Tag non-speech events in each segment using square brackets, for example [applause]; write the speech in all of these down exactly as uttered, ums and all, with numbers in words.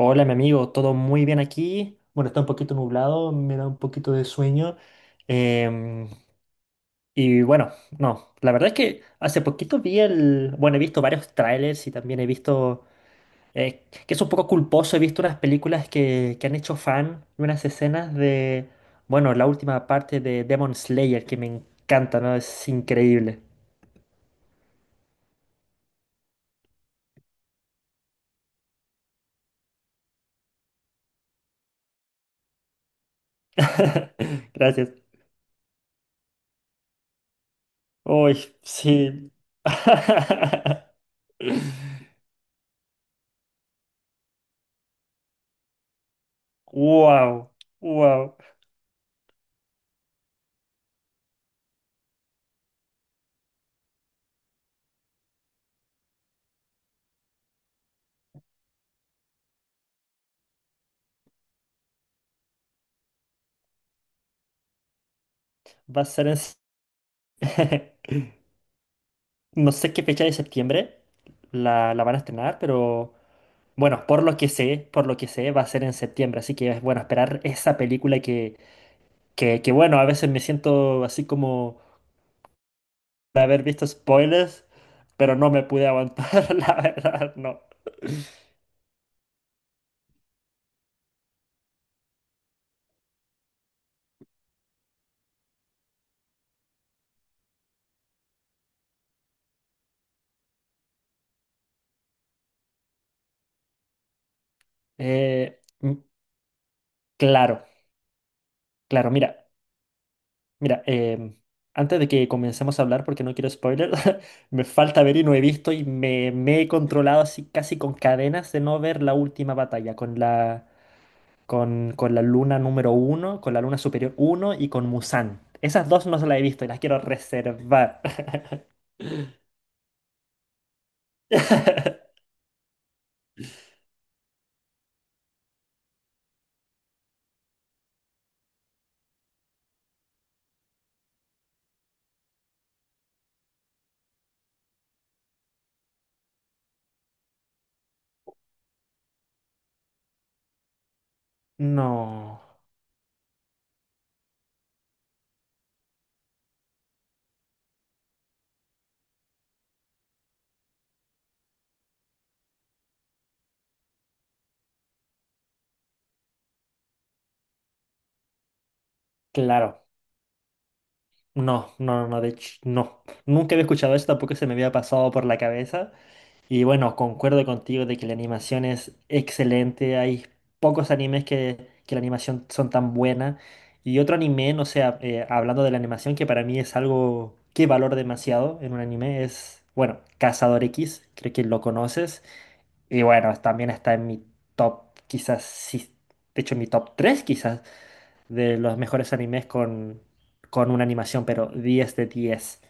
Hola, mi amigo, todo muy bien aquí. Bueno, está un poquito nublado, me da un poquito de sueño. em, y bueno, no, la verdad es que hace poquito vi el... Bueno, he visto varios trailers y también he visto... eh, que es un poco culposo, he visto unas películas que, que han hecho fan y unas escenas de... Bueno, la última parte de Demon Slayer que me encanta, ¿no? Es increíble. [laughs] Gracias. Uy, sí. [laughs] Wow, wow. Va a ser en... s- [laughs] No sé qué fecha de septiembre la, la van a estrenar, pero bueno, por lo que sé, por lo que sé, va a ser en septiembre. Así que es bueno esperar esa película que, que, que bueno, a veces me siento así como de haber visto spoilers, pero no me pude aguantar, [laughs] la verdad, no. Eh, mm, claro, claro, mira. Mira, em, antes de que comencemos a hablar, porque no quiero spoiler, [laughs] me falta ver y no he visto y me, me he controlado así casi con cadenas de no ver la última batalla con la, con, con la luna número uno, con la luna superior uno y con Musan. Esas dos no se las he visto y las quiero reservar. [laughs] No, claro, no, no, no, de hecho, no. Nunca había escuchado esto, tampoco se me había pasado por la cabeza. Y bueno, concuerdo contigo de que la animación es excelente. Hay pocos animes que, que la animación son tan buena. Y otro anime, no sé, hab- eh, hablando de la animación, que para mí es algo que valoro demasiado en un anime, es, bueno, Cazador X, creo que lo conoces. Y bueno, también está en mi top, quizás, sí, de hecho en mi top tres quizás, de los mejores animes con, con una animación, pero diez de diez.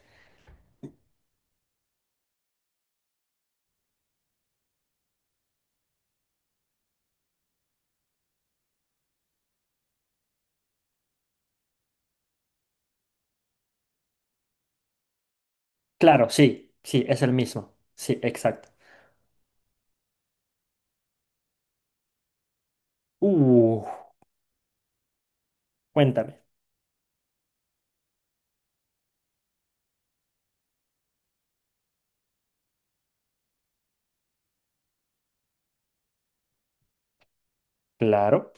Claro, sí, sí, es el mismo. Sí, exacto. Uh. Cuéntame. Claro,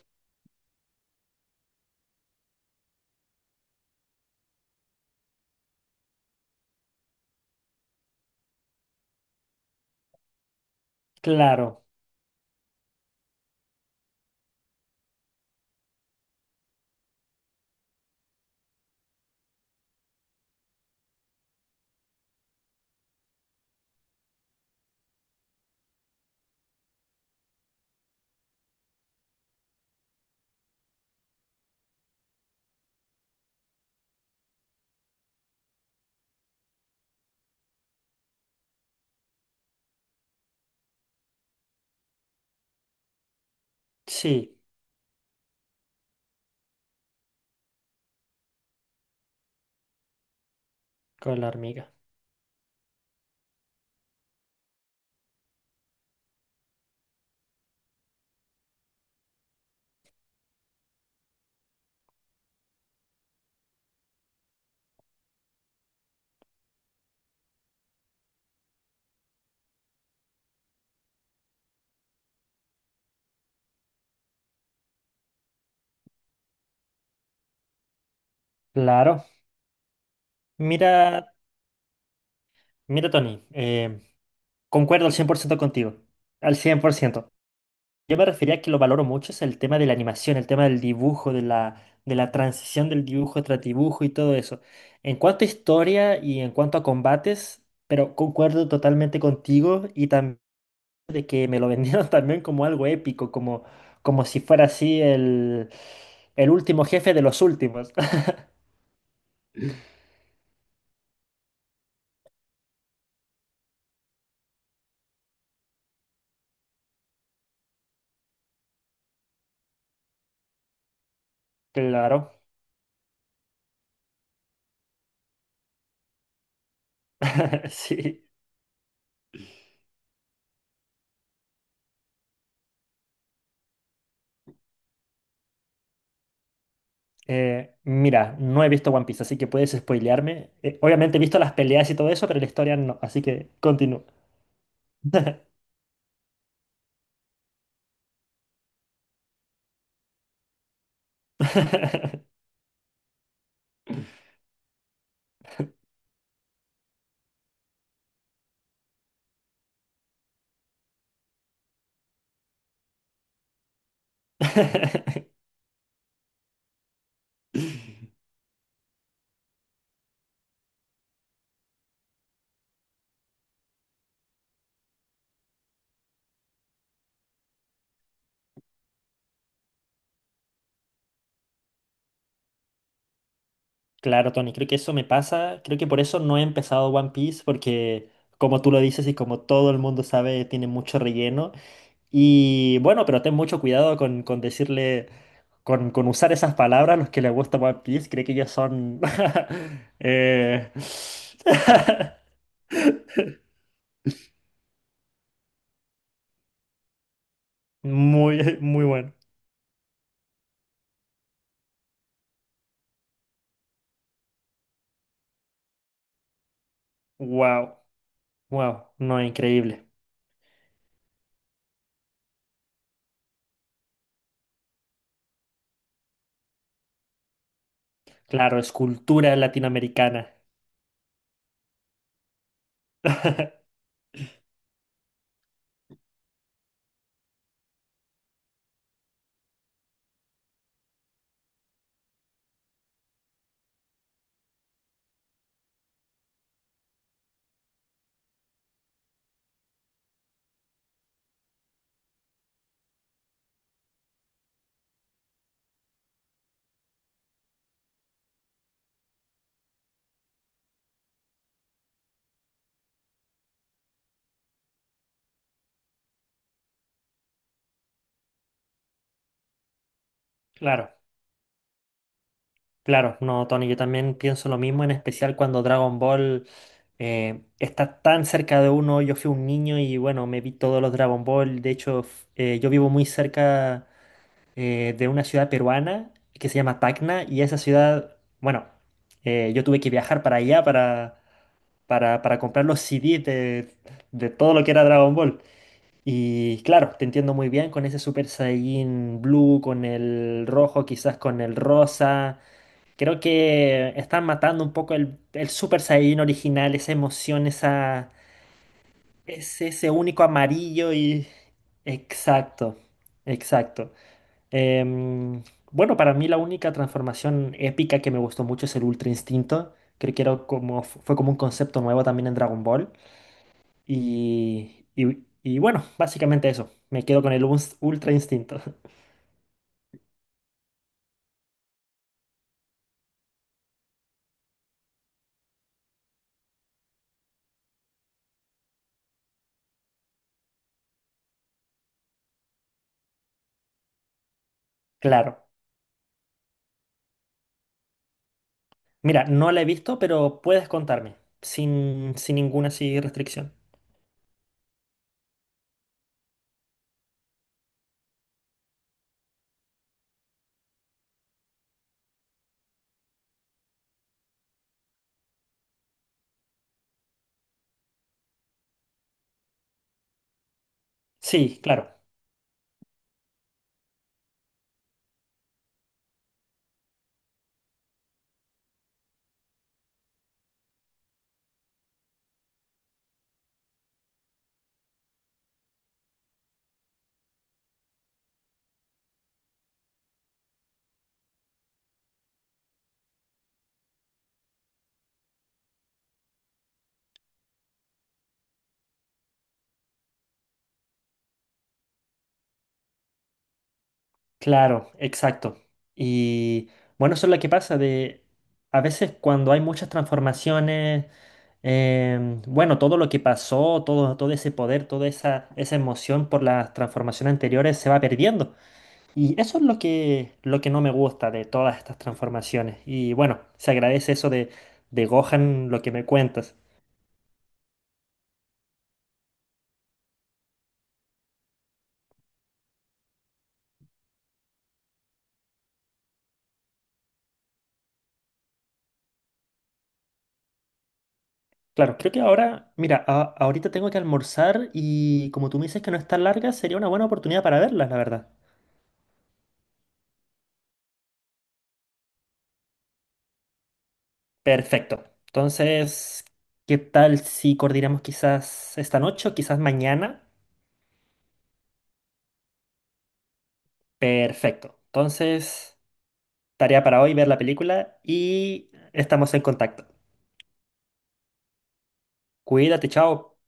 claro. Sí, con la hormiga. Claro. Mira, Mira, Tony, eh, concuerdo al cien por ciento contigo. Al cien por ciento. Yo me refería a que lo valoro mucho, es el tema de la animación, el tema del dibujo, de la, de la transición del dibujo tras dibujo y todo eso. En cuanto a historia y en cuanto a combates, pero concuerdo totalmente contigo y también de que me lo vendieron [laughs] también como algo épico, como, como si fuera así el, el último jefe de los últimos. Claro, [laughs] sí. Eh, mira, no he visto One Piece, así que puedes spoilearme. Eh, obviamente he visto las peleas y todo eso, pero la historia no, así que continúa. [laughs] Claro, Tony, creo que eso me pasa. Creo que por eso no he empezado One Piece, porque como tú lo dices y como todo el mundo sabe, tiene mucho relleno. Y bueno, pero ten mucho cuidado con, con decirle, con, con usar esas palabras a los que les gusta One Piece. Creo que ellos son... [laughs] eh, [laughs] Muy, [laughs] muy bueno. Wow, wow, no, increíble. Claro, escultura latinoamericana. [laughs] Claro, claro, no, Tony, yo también pienso lo mismo, en especial cuando Dragon Ball eh, está tan cerca de uno. Yo fui un niño y bueno, me vi todos los Dragon Ball. De hecho, f- eh, yo vivo muy cerca eh, de una ciudad peruana que se llama Tacna y esa ciudad, bueno, eh, yo tuve que viajar para allá para, para, para comprar los C Ds de, de todo lo que era Dragon Ball. Y claro, te entiendo muy bien con ese Super Saiyan Blue, con el rojo, quizás con el rosa. Creo que están matando un poco el, el Super Saiyan original, esa emoción, esa, ese, ese único amarillo y... Exacto, exacto. Em, bueno, para mí la única transformación épica que me gustó mucho es el Ultra Instinto. Creo que era como, fue como un concepto nuevo también en Dragon Ball. Y, y- y bueno, básicamente eso. Me quedo con el uns- Ultra Instinto. [laughs] Claro. Mira, no la he visto, pero puedes contarme, sin, sin ninguna así restricción. Sí, claro, claro, exacto. Y bueno, eso es lo que pasa de a veces cuando hay muchas transformaciones, em, bueno, todo lo que pasó, todo, todo ese poder, toda esa, esa emoción por las transformaciones anteriores se va perdiendo. Y eso es lo que, lo que no me gusta de todas estas transformaciones. Y bueno, se agradece eso de, de Gohan, lo que me cuentas. Claro, creo que ahora, mira, a- ahorita tengo que almorzar y como tú me dices que no es tan larga, sería una buena oportunidad para verlas, la verdad. Perfecto. Entonces, ¿qué tal si coordinamos quizás esta noche o quizás mañana? Perfecto. Entonces, tarea para hoy ver la película y estamos en contacto. Cuídate, chao.